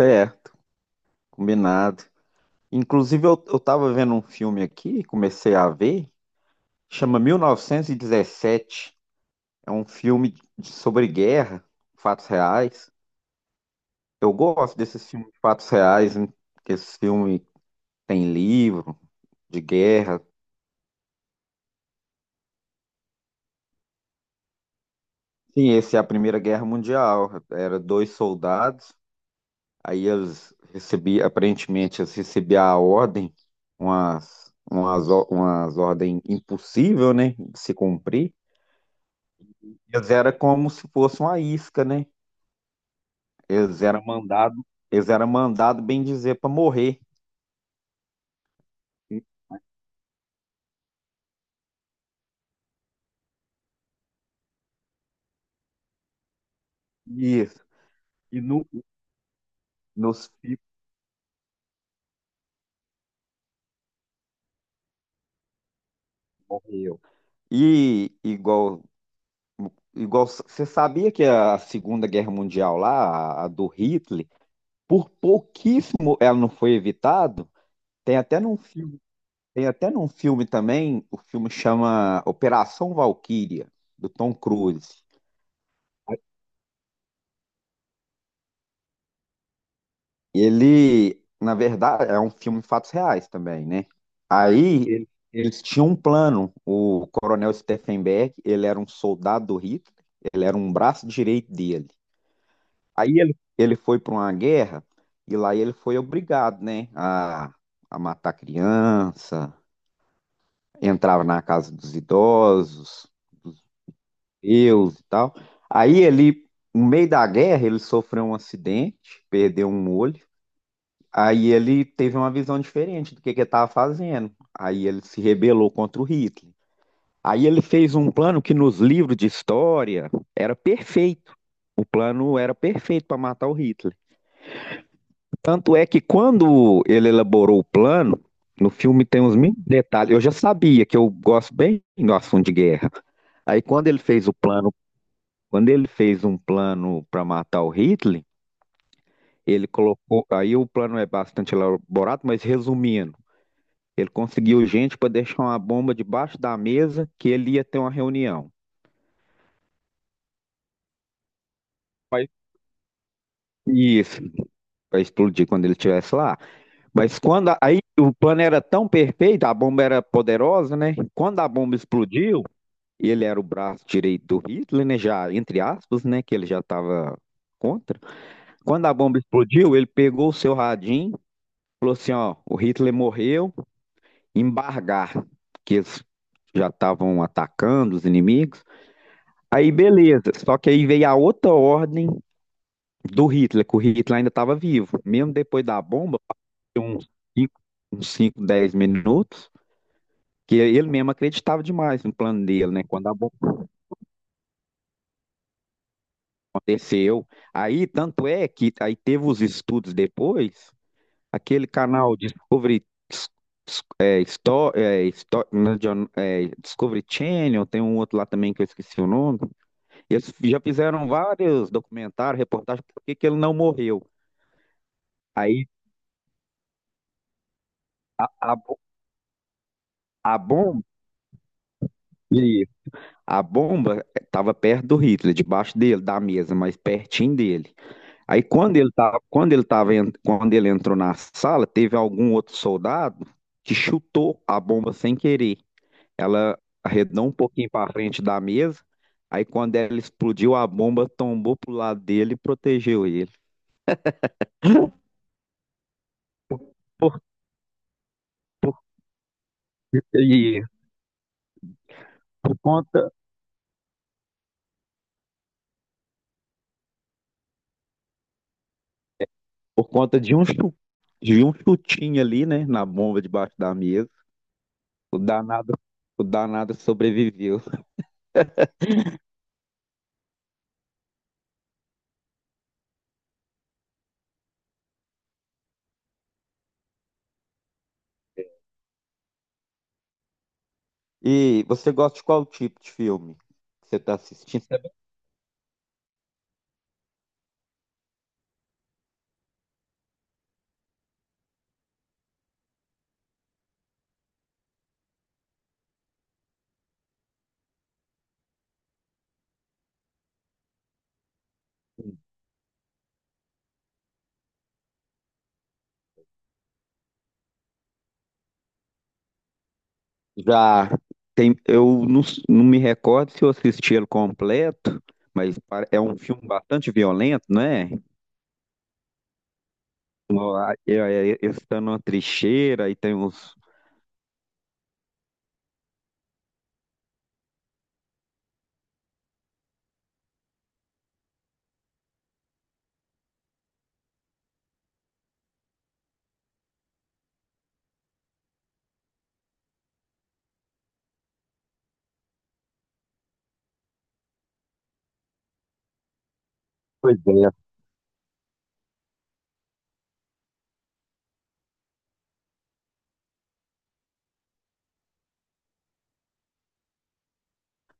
Certo, combinado. Inclusive, eu tava vendo um filme aqui, comecei a ver, chama 1917. É um filme sobre guerra, fatos reais. Eu gosto desses filmes de fatos reais, né? Porque esse filme tem livro de guerra. Sim, esse é a Primeira Guerra Mundial. Era dois soldados, aí eles recebiam, aparentemente, eles recebiam a ordem, umas ordens impossível, né, de se cumprir. Eles eram como se fosse uma isca, né? Eles eram mandado, eles eram mandado bem dizer para morrer. E- Isso. E no, nos filhos morreu. E igual você sabia que a Segunda Guerra Mundial lá, a do Hitler, por pouquíssimo ela não foi evitada. Tem até num filme, tem até num filme também, o filme chama Operação Valquíria, do Tom Cruise. E ele, na verdade, é um filme de fatos reais também, né? Eles tinham um plano. O Coronel Steffenberg, ele era um soldado do Hitler, ele era um braço direito dele. Aí ele foi para uma guerra e lá ele foi obrigado, né, a matar criança, entrava na casa dos idosos, dos judeus e tal. Aí ele, no meio da guerra, ele sofreu um acidente, perdeu um olho. Aí ele teve uma visão diferente do que ele estava fazendo. Aí ele se rebelou contra o Hitler. Aí ele fez um plano que nos livros de história era perfeito. O plano era perfeito para matar o Hitler. Tanto é que quando ele elaborou o plano, no filme tem uns mil detalhes. Eu já sabia que eu gosto bem do assunto de guerra. Aí quando ele fez o plano, quando ele fez um plano para matar o Hitler, ele colocou. Aí o plano é bastante elaborado, mas resumindo. Ele conseguiu gente para deixar uma bomba debaixo da mesa que ele ia ter uma reunião. Mas- Isso, para explodir quando ele estivesse lá. Mas quando aí o plano era tão perfeito, a bomba era poderosa, né? Quando a bomba explodiu, ele era o braço direito do Hitler, né? Já, entre aspas, né? Que ele já estava contra. Quando a bomba explodiu, ele pegou o seu radinho, falou assim: ó, o Hitler morreu, embargar, que eles já estavam atacando os inimigos. Aí beleza, só que aí veio a outra ordem do Hitler, que o Hitler ainda estava vivo. Mesmo depois da bomba, uns 5, uns 5, 10 minutos, que ele mesmo acreditava demais no plano dele, né? Quando a bomba aconteceu. Aí, tanto é que aí teve os estudos depois, aquele canal Discovery, é, Sto- não, é John- é, Discovery Channel, tem um outro lá também que eu esqueci o nome. Eles já fizeram vários documentários, reportagens, por que que ele não morreu. Aí A, bo- a bomba, e a bomba estava perto do Hitler, debaixo dele, da mesa, mas pertinho dele. Aí quando ele entrou na sala, teve algum outro soldado que chutou a bomba sem querer. Ela arredou um pouquinho para frente da mesa. Aí quando ela explodiu, a bomba tombou pro lado dele e protegeu ele. Por, por, e por conta de de um chutinho ali, né, na bomba debaixo da mesa. O danado, o danado sobreviveu. E você gosta de qual tipo de filme que você está assistindo? Já tem, eu não, s- não me recordo se eu assisti ele completo, mas é um filme bastante violento, não é? Ó, a- é- Eles estão numa trincheira e tem uns. Pois é,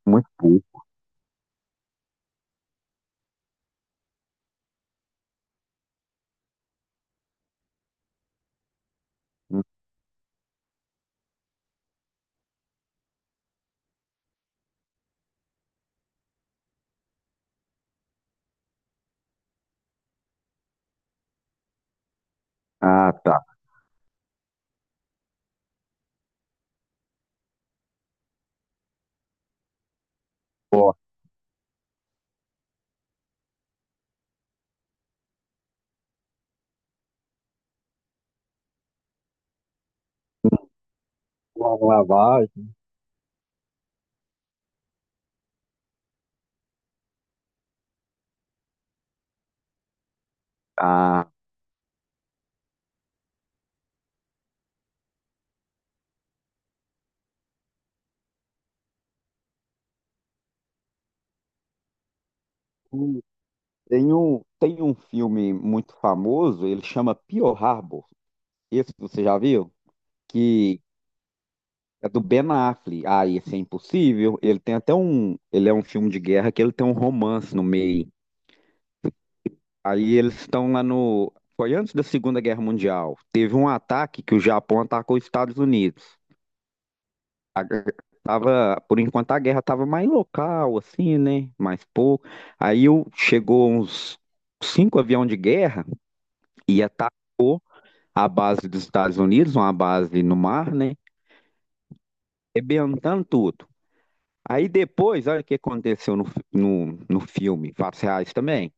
muito pouco. Ah, tá. Ó, uma lavagem. Ah, hum, tem um filme muito famoso, ele chama Pearl Harbor. Esse você já viu? Que é do Ben Affleck. Ah, esse é impossível. Ele tem até um. Ele é um filme de guerra que ele tem um romance no meio. Aí eles estão lá no. Foi antes da Segunda Guerra Mundial. Teve um ataque que o Japão atacou os Estados Unidos. Tava, por enquanto a guerra tava mais local, assim, né? Mais pouco. Chegou uns cinco aviões de guerra, ia estar a base dos Estados Unidos, uma base no mar, né? Rebentando tudo. Aí depois, olha o que aconteceu no filme, fatos reais também.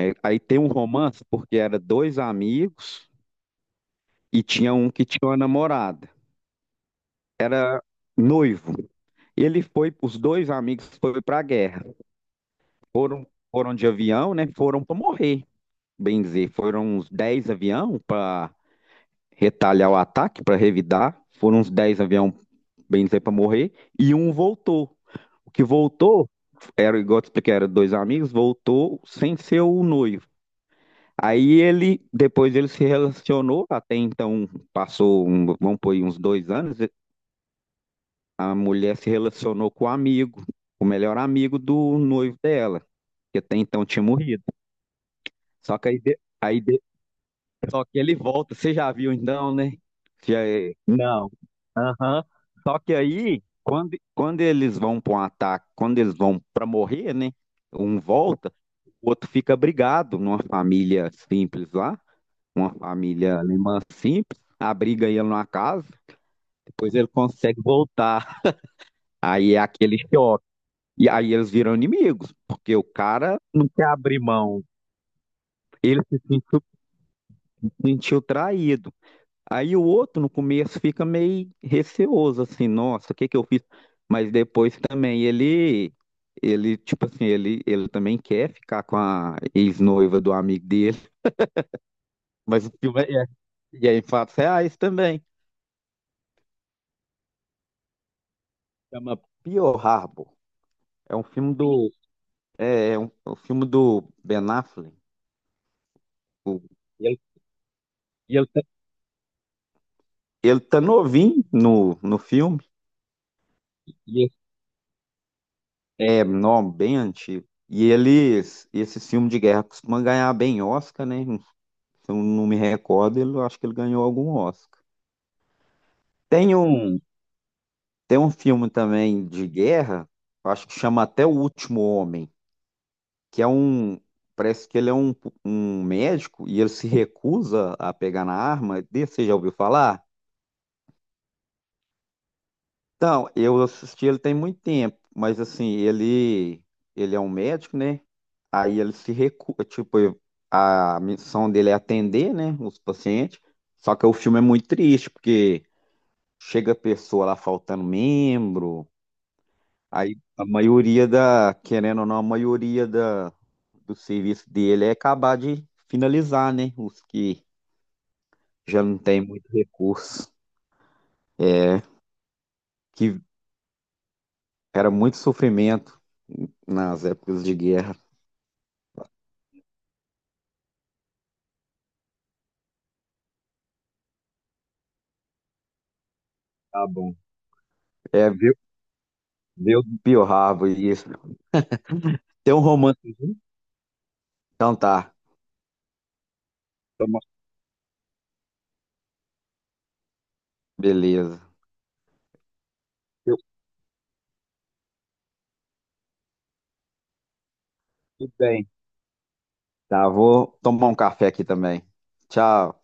É, aí tem um romance, porque era dois amigos e tinha um que tinha uma namorada. Era noivo. Ele foi, os dois amigos foram para a guerra. Foram, foram de avião, né? Foram para morrer, bem dizer. Foram uns 10 avião para retalhar o ataque, para revidar. Foram uns 10 avião, bem dizer, para morrer. E um voltou. O que voltou, era igual eu te expliquei, era dois amigos, voltou sem ser o noivo. Aí ele, depois ele se relacionou, até então passou, vamos pôr aí, uns 2 anos, a mulher se relacionou com o amigo, o melhor amigo do noivo dela, que até então tinha morrido. Só que aí de- Só que ele volta, você já viu então, né? Não. Aham. Só que aí, quando eles vão para um ataque, quando eles vão para morrer, né? Um volta, o outro fica brigado numa família simples lá, uma família alemã simples, abriga ele numa casa, depois ele consegue voltar. Aí é aquele choque. E aí eles viram inimigos, porque o cara não quer abrir mão. Ele se sentiu, se sentiu traído. Aí o outro no começo fica meio receoso, assim, nossa, o que que eu fiz? Mas depois também tipo assim, ele também quer ficar com a ex-noiva do amigo dele. Mas o filme é, é- e é em fatos reais também. Chama Pearl Harbor. É um filme do, é um filme do Ben Affleck. O- ele, ele, tá- ele tá novinho no filme. É, não, bem antigo. E eles, esse filme de guerra costuma ganhar bem Oscar, né? Se eu não me recordo, eu acho que ele ganhou algum Oscar. Tem um, tem um filme também de guerra, eu acho que chama até O Último Homem, que é um, parece que ele é um, um médico e ele se recusa a pegar na arma. Desse você já ouviu falar? Então, eu assisti ele tem muito tempo, mas assim, ele é um médico, né? Aí ele se recusa, tipo, a missão dele é atender, né, os pacientes. Só que o filme é muito triste, porque chega a pessoa lá faltando membro, aí a maioria da, querendo ou não, a maioria da, do serviço dele é acabar de finalizar, né? Os que já não tem muito recurso. É, que era muito sofrimento nas épocas de guerra. Tá bom. É, viu? Viu do Pio Rabo, isso. Tem um romance. Uhum. Então tá, toma, beleza. Eu tudo bem. Tá, vou tomar um café aqui também. Tchau.